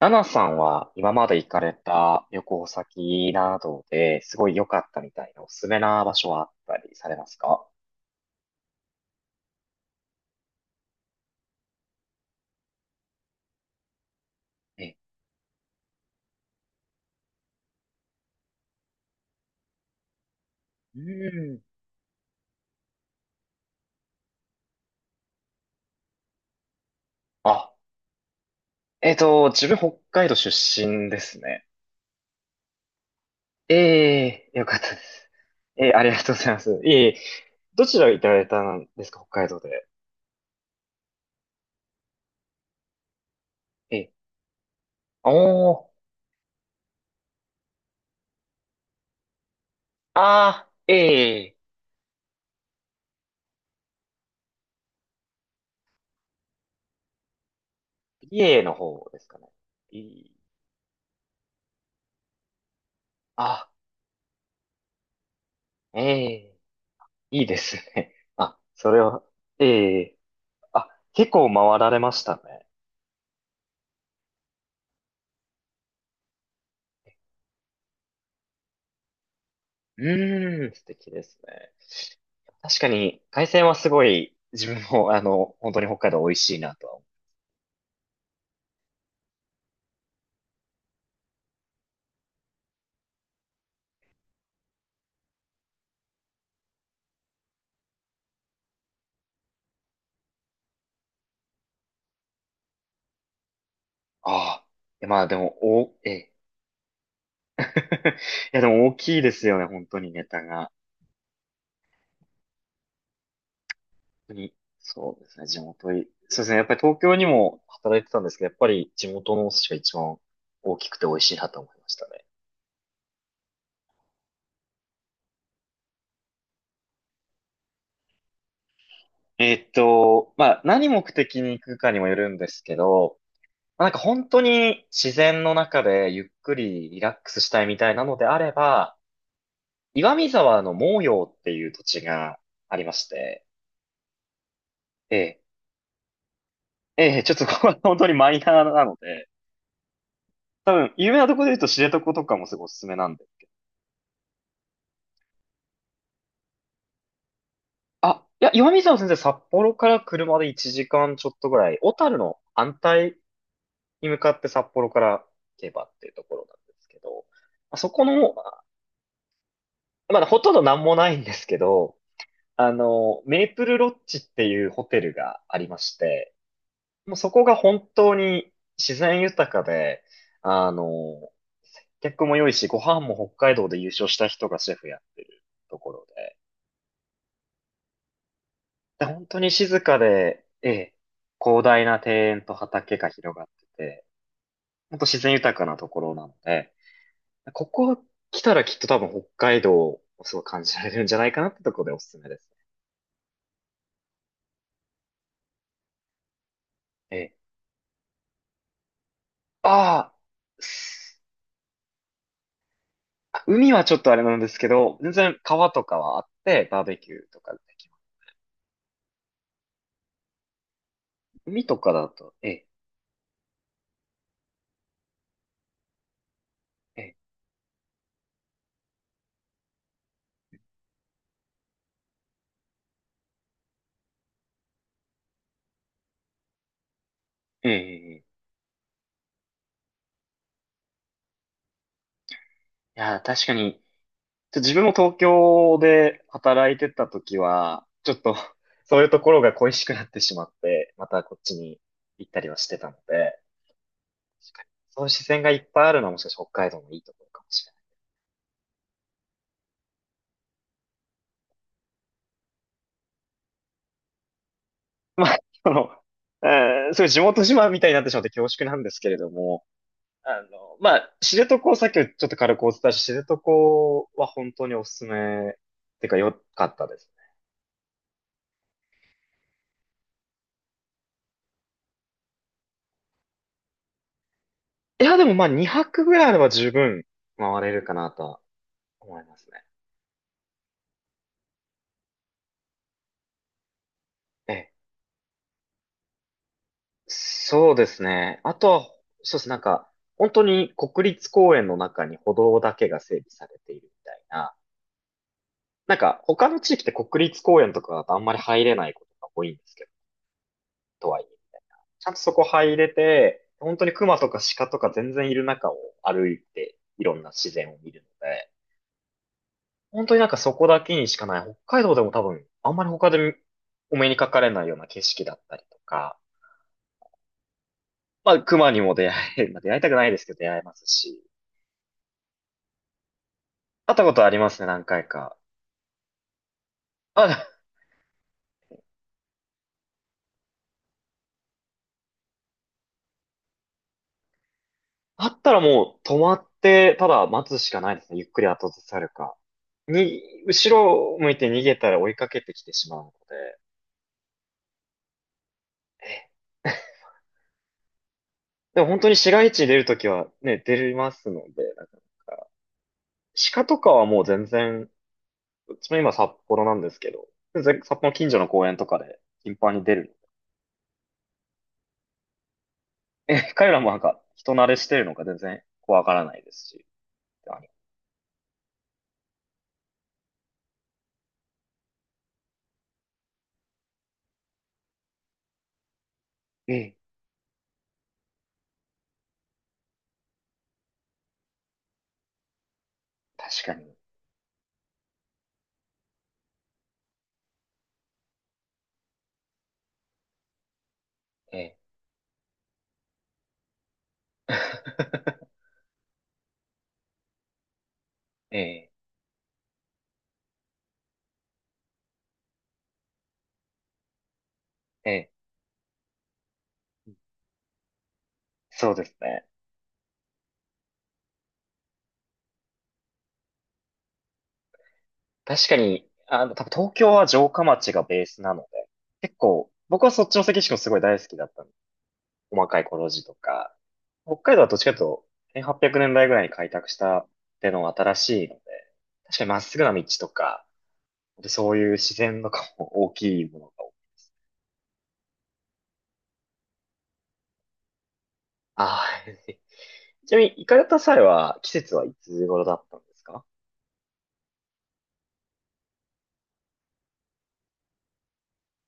ナナさんは今まで行かれた旅行先などですごい良かったみたいなおすすめな場所はあったりされますか？え、うん。あ、自分北海道出身ですね。ええ、よかったです。ええ、ありがとうございます。いえいえ、どちら行かれたんですか、北海道で。ええ、おー、あー、ええ、美瑛の方ですかね。いい、あ、ええ、いいですね。あ、それは、ええ、あ、結構回られましたね。うーん、素敵ですね。確かに、海鮮はすごい、自分も、本当に北海道美味しいなとは思う。ああ。いやまあでも、お、ええ、いやでも大きいですよね、本当にネタが。本当に、そうですね、地元い、そうですね、やっぱり東京にも働いてたんですけど、やっぱり地元のお寿司が一番大きくて美味しいなと思いましたね。まあ何目的に行くかにもよるんですけど、まあなんか本当に自然の中でゆっくりリラックスしたいみたいなのであれば、岩見沢の毛陽っていう土地がありまして、ええ、ええ、ちょっとここは本当にマイナーなので、多分有名なところで言うと知床とかもすごいおすすめなんですけど。あ、いや、岩見沢先生札幌から車で1時間ちょっとぐらい、小樽の反対に向かって札幌から行けばっていうところなんですけど、まあそこの、まだほとんどなんもないんですけど、あの、メープルロッジっていうホテルがありまして、もうそこが本当に自然豊かで、あの、客も良いし、ご飯も北海道で優勝した人がシェフやってるところで、で本当に静かで、ええ、広大な庭園と畑が広がってて、本当自然豊かなところなので、ここ来たらきっと多分北海道をすごい感じられるんじゃないかなってところでおすすめですね。ええ、ああ、あ、海はちょっとあれなんですけど、全然川とかはあって、バーベキューとかできます。海とかだと、ええ、ええ、ええ、ええ、いや、確かに、自分も東京で働いてた時は、ちょっと そういうところが恋しくなってしまって、またこっちに行ったりはしてたので、確かにそういう視線がいっぱいあるのはもしかして北海道のいいところかもしれない。まあ、その、そういう地元島みたいになってしまって恐縮なんですけれども、あの、まあ、知床、さっきちょっと軽くお伝えした知床は本当におすすめ、てか良かったですね。いや、でもまあ2泊ぐらいあれば十分回れるかなとは思いますね。ええ、そうですね。あとは、そうですね。なんか、本当に国立公園の中に歩道だけが整備されているみたいな。なんか、他の地域って国立公園とかだとあんまり入れないことが多いんですけど、とはいえ。ちゃんとそこ入れて、本当に熊とか鹿とか全然いる中を歩いて、いろんな自然を見るので、本当になんかそこだけにしかない、北海道でも多分、あんまり他でお目にかかれないような景色だったりとか、まあ、熊にも出会え、まあ、出会いたくないですけど出会えますし、会ったことありますね、何回か。あ、あったらもう止まって、ただ待つしかないですね、ゆっくり後ずさるか。後ろを向いて逃げたら追いかけてきてしまうので、えでも本当に市街地に出るときはね、出れますので、なかなか。鹿とかはもう全然、うちも今札幌なんですけど、全然札幌の近所の公園とかで頻繁に出る。え、彼らもなんか人慣れしてるのか全然怖がらないですし。あのええ、確かに。ええ、ええ、ええ、そうですね。確かに、あの、多分東京は城下町がベースなので、結構、僕はそっちの関市もすごい大好きだったんです、細かいコロジとか、北海道はどっちかというと、1800年代ぐらいに開拓したってのが新しいので、確かにまっすぐな道とか、そういう自然とかも大きいものが多いです。ああ、ちなみに行かれた際は季節はいつ頃だったんですか？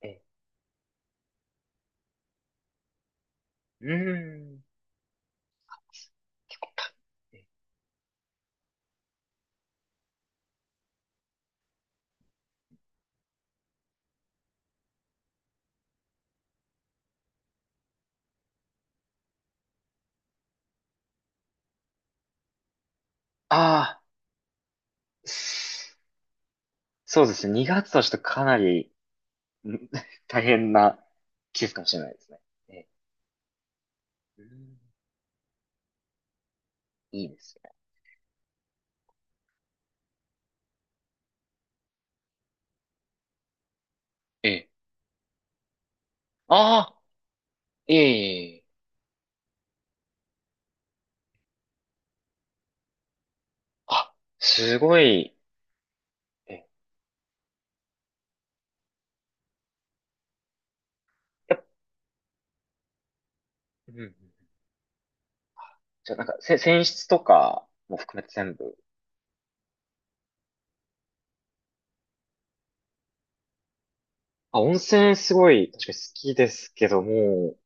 ええ、うーん。結構たああ、そうですね。2月としてかなりん 大変な季節かもしれないですね。ええ、うん、いいですね。ええ。あ、いえいえいえ。あ、すごい。え、やっうんうん、じゃあなんか、泉質とかも含めて全部。あ、温泉すごい、確かに好きですけども、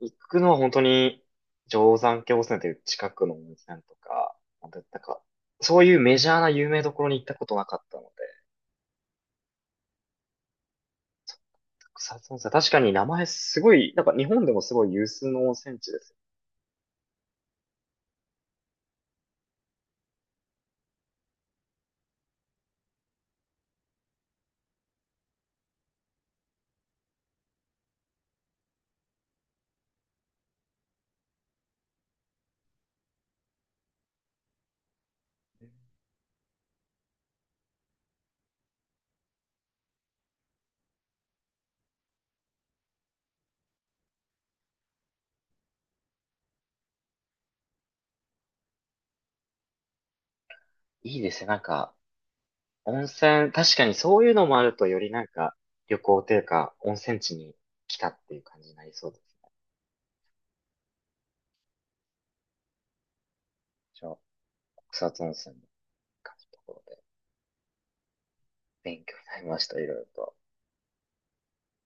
行くのは本当に、定山渓温泉という近くの温泉とか、なんかそういうメジャーな有名どころに行ったことなかったので、草津温泉、確かに名前すごい、なんか日本でもすごい有数の温泉地です。いいですね、なんか。温泉、確かにそういうのもあるとよりなんか旅行というか温泉地に来たっていう感じになりそうです。じゃあ、草津温泉の感じのところで勉強になりました、いろいろと。